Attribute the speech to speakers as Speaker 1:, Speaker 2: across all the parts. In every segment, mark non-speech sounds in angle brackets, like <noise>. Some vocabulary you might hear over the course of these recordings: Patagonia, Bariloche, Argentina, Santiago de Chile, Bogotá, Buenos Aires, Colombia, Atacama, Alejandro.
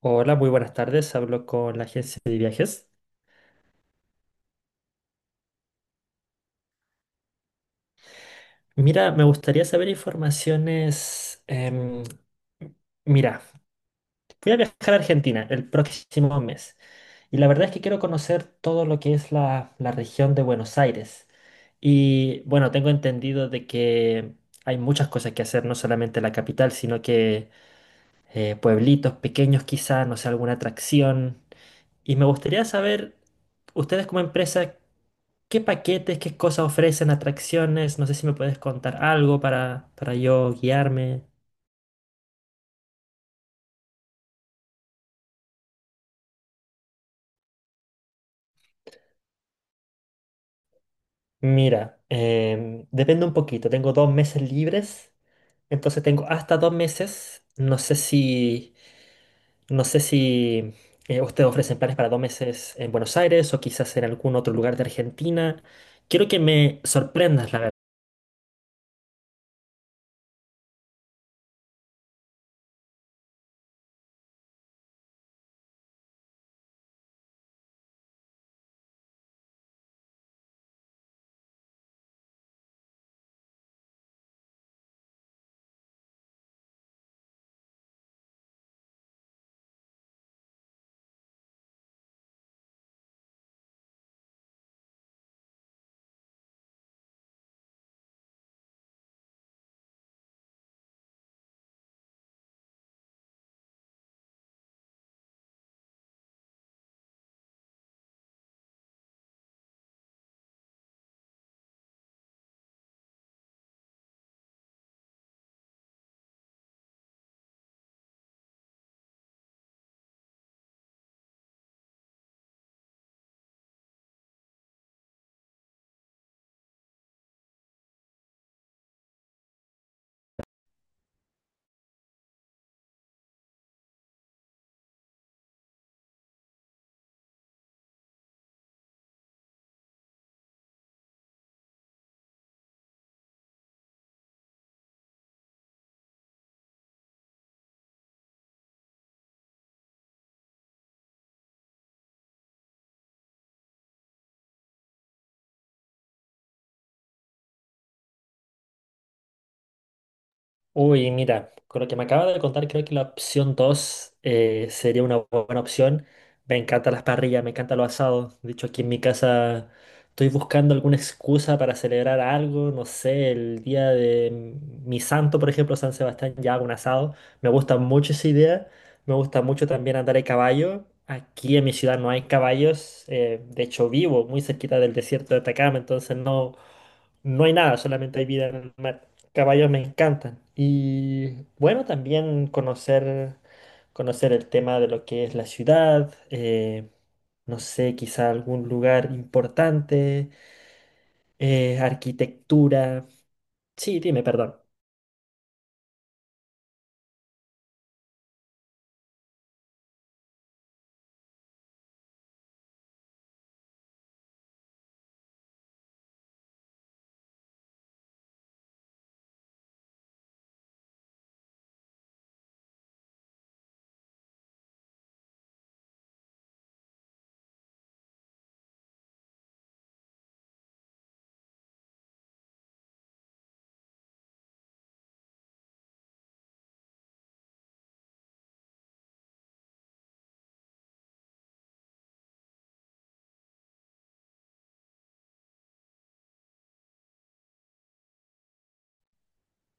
Speaker 1: Hola, muy buenas tardes. Hablo con la agencia de viajes. Mira, me gustaría saber informaciones. Mira, voy a viajar a Argentina el próximo mes y la verdad es que quiero conocer todo lo que es la región de Buenos Aires. Y bueno, tengo entendido de que hay muchas cosas que hacer, no solamente la capital, sino que pueblitos pequeños quizá, no sé, alguna atracción. Y me gustaría saber, ustedes como empresa, ¿qué paquetes, qué cosas ofrecen, atracciones? No sé si me puedes contar algo para yo guiarme. Mira, depende un poquito. Tengo dos meses libres, entonces tengo hasta dos meses. No sé si ustedes ofrecen planes para dos meses en Buenos Aires o quizás en algún otro lugar de Argentina. Quiero que me sorprendas, la verdad. Uy, mira, con lo que me acaba de contar, creo que la opción 2 sería una buena opción. Me encantan las parrillas, me encanta lo asado. De hecho, aquí en mi casa estoy buscando alguna excusa para celebrar algo. No sé, el día de mi santo, por ejemplo, San Sebastián, ya hago un asado. Me gusta mucho esa idea. Me gusta mucho también andar en caballo. Aquí en mi ciudad no hay caballos. De hecho, vivo muy cerquita del desierto de Atacama, entonces no, no hay nada, solamente hay vida en el mar. Caballos me encantan. Y bueno, también conocer el tema de lo que es la ciudad, no sé, quizá algún lugar importante, arquitectura. Sí, dime, perdón.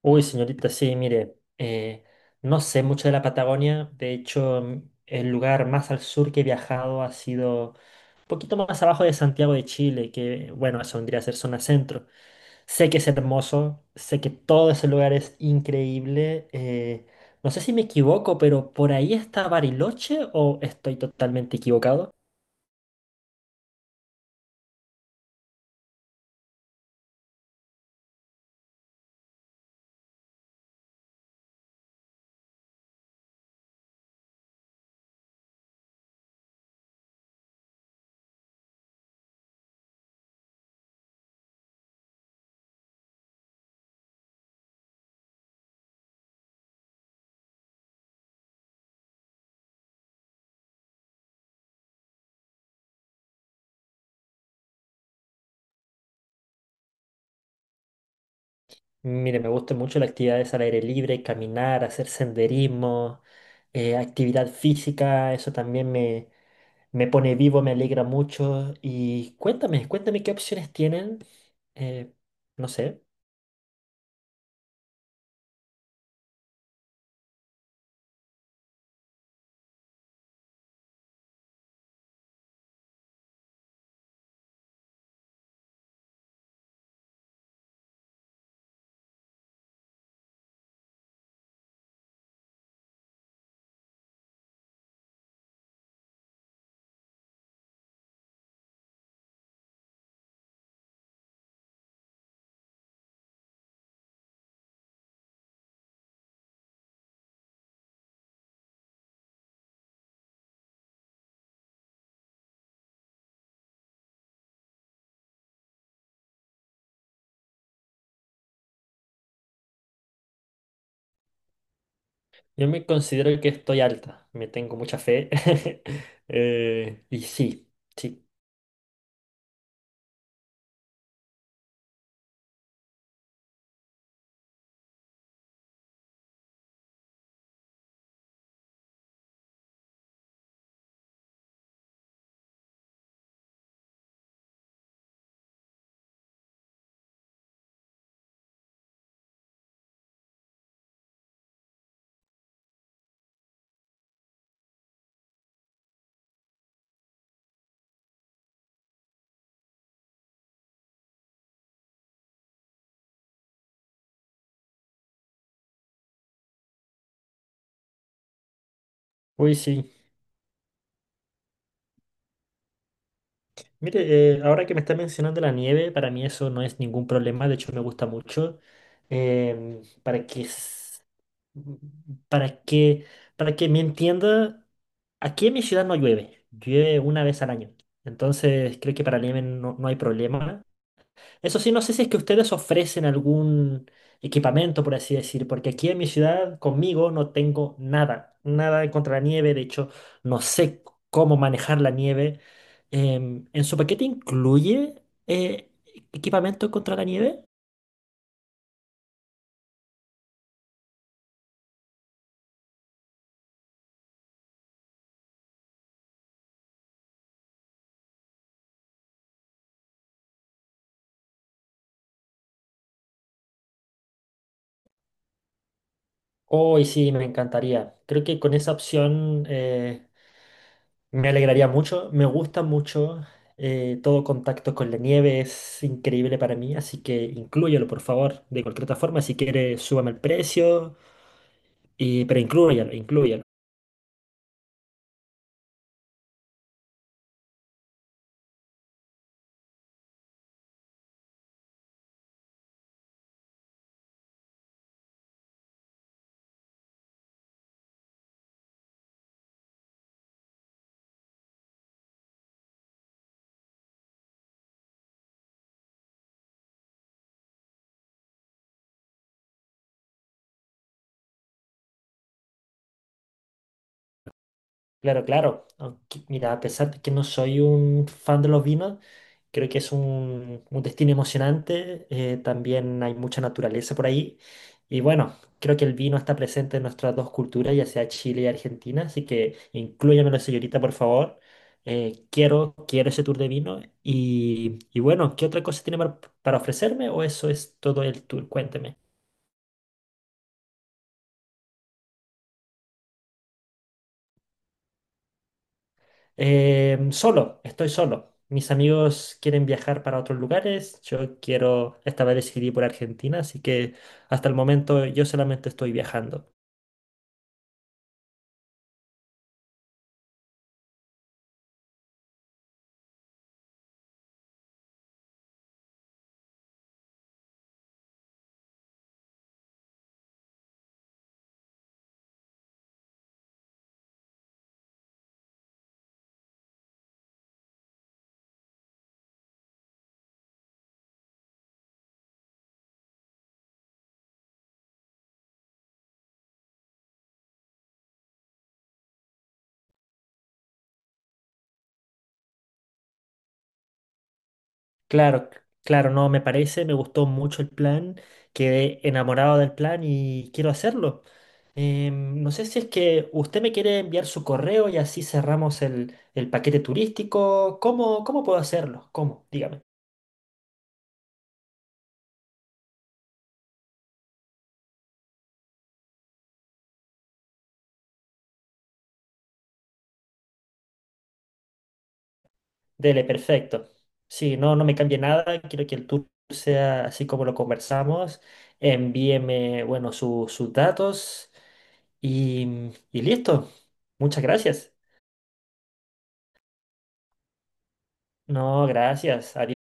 Speaker 1: Uy, señorita, sí, mire, no sé mucho de la Patagonia. De hecho, el lugar más al sur que he viajado ha sido un poquito más abajo de Santiago de Chile, que, bueno, eso vendría a ser zona centro. Sé que es hermoso, sé que todo ese lugar es increíble. No sé si me equivoco, pero por ahí está Bariloche o estoy totalmente equivocado. Mire, me gustan mucho las actividades al aire libre, caminar, hacer senderismo, actividad física, eso también me pone vivo, me alegra mucho. Y cuéntame qué opciones tienen. Eh, no sé, yo me considero que estoy alta, me tengo mucha fe. <laughs> Y sí, sí. Uy, sí. Mire, ahora que me está mencionando la nieve, para mí eso no es ningún problema, de hecho me gusta mucho. Em, para que, s- para que, para que me entienda, aquí en mi ciudad no llueve, llueve una vez al año. Entonces creo que para la nieve no, no hay problema. Eso sí, no sé si es que ustedes ofrecen algún equipamiento, por así decir, porque aquí en mi ciudad conmigo no tengo nada, nada en contra la nieve, de hecho, no sé cómo manejar la nieve. ¿En su paquete incluye eh, equipamiento contra la nieve? Hoy sí, me encantaría. Creo que con esa opción me alegraría mucho, me gusta mucho. Todo contacto con la nieve es increíble para mí, así que inclúyelo, por favor, de cualquier otra forma. Si quieres, súbame el precio, y, pero inclúyalo. Claro, claro. Aunque, mira, a pesar de que no soy un fan de los vinos, creo que es un destino emocionante. También hay mucha naturaleza por ahí. Y bueno, creo que el vino está presente en nuestras dos culturas, ya sea Chile y Argentina. Así que inclúyamelo, señorita, por favor. Quiero ese tour de vino. Y bueno, ¿qué otra cosa tiene para ofrecerme? ¿O eso es todo el tour? Cuénteme. Solo, estoy solo. Mis amigos quieren viajar para otros lugares. Yo quiero, esta vez decidí por Argentina, así que hasta el momento yo solamente estoy viajando. Claro, no me parece, me gustó mucho el plan, quedé enamorado del plan y quiero hacerlo. No sé si es que usted me quiere enviar su correo y así cerramos el paquete turístico. ¿Cómo puedo hacerlo? ¿Cómo? Dígame. Dele, perfecto. Sí, no, no me cambie nada. Quiero que el tour sea así como lo conversamos. Envíeme, bueno, sus datos y listo. Muchas gracias. No, gracias. Adiós.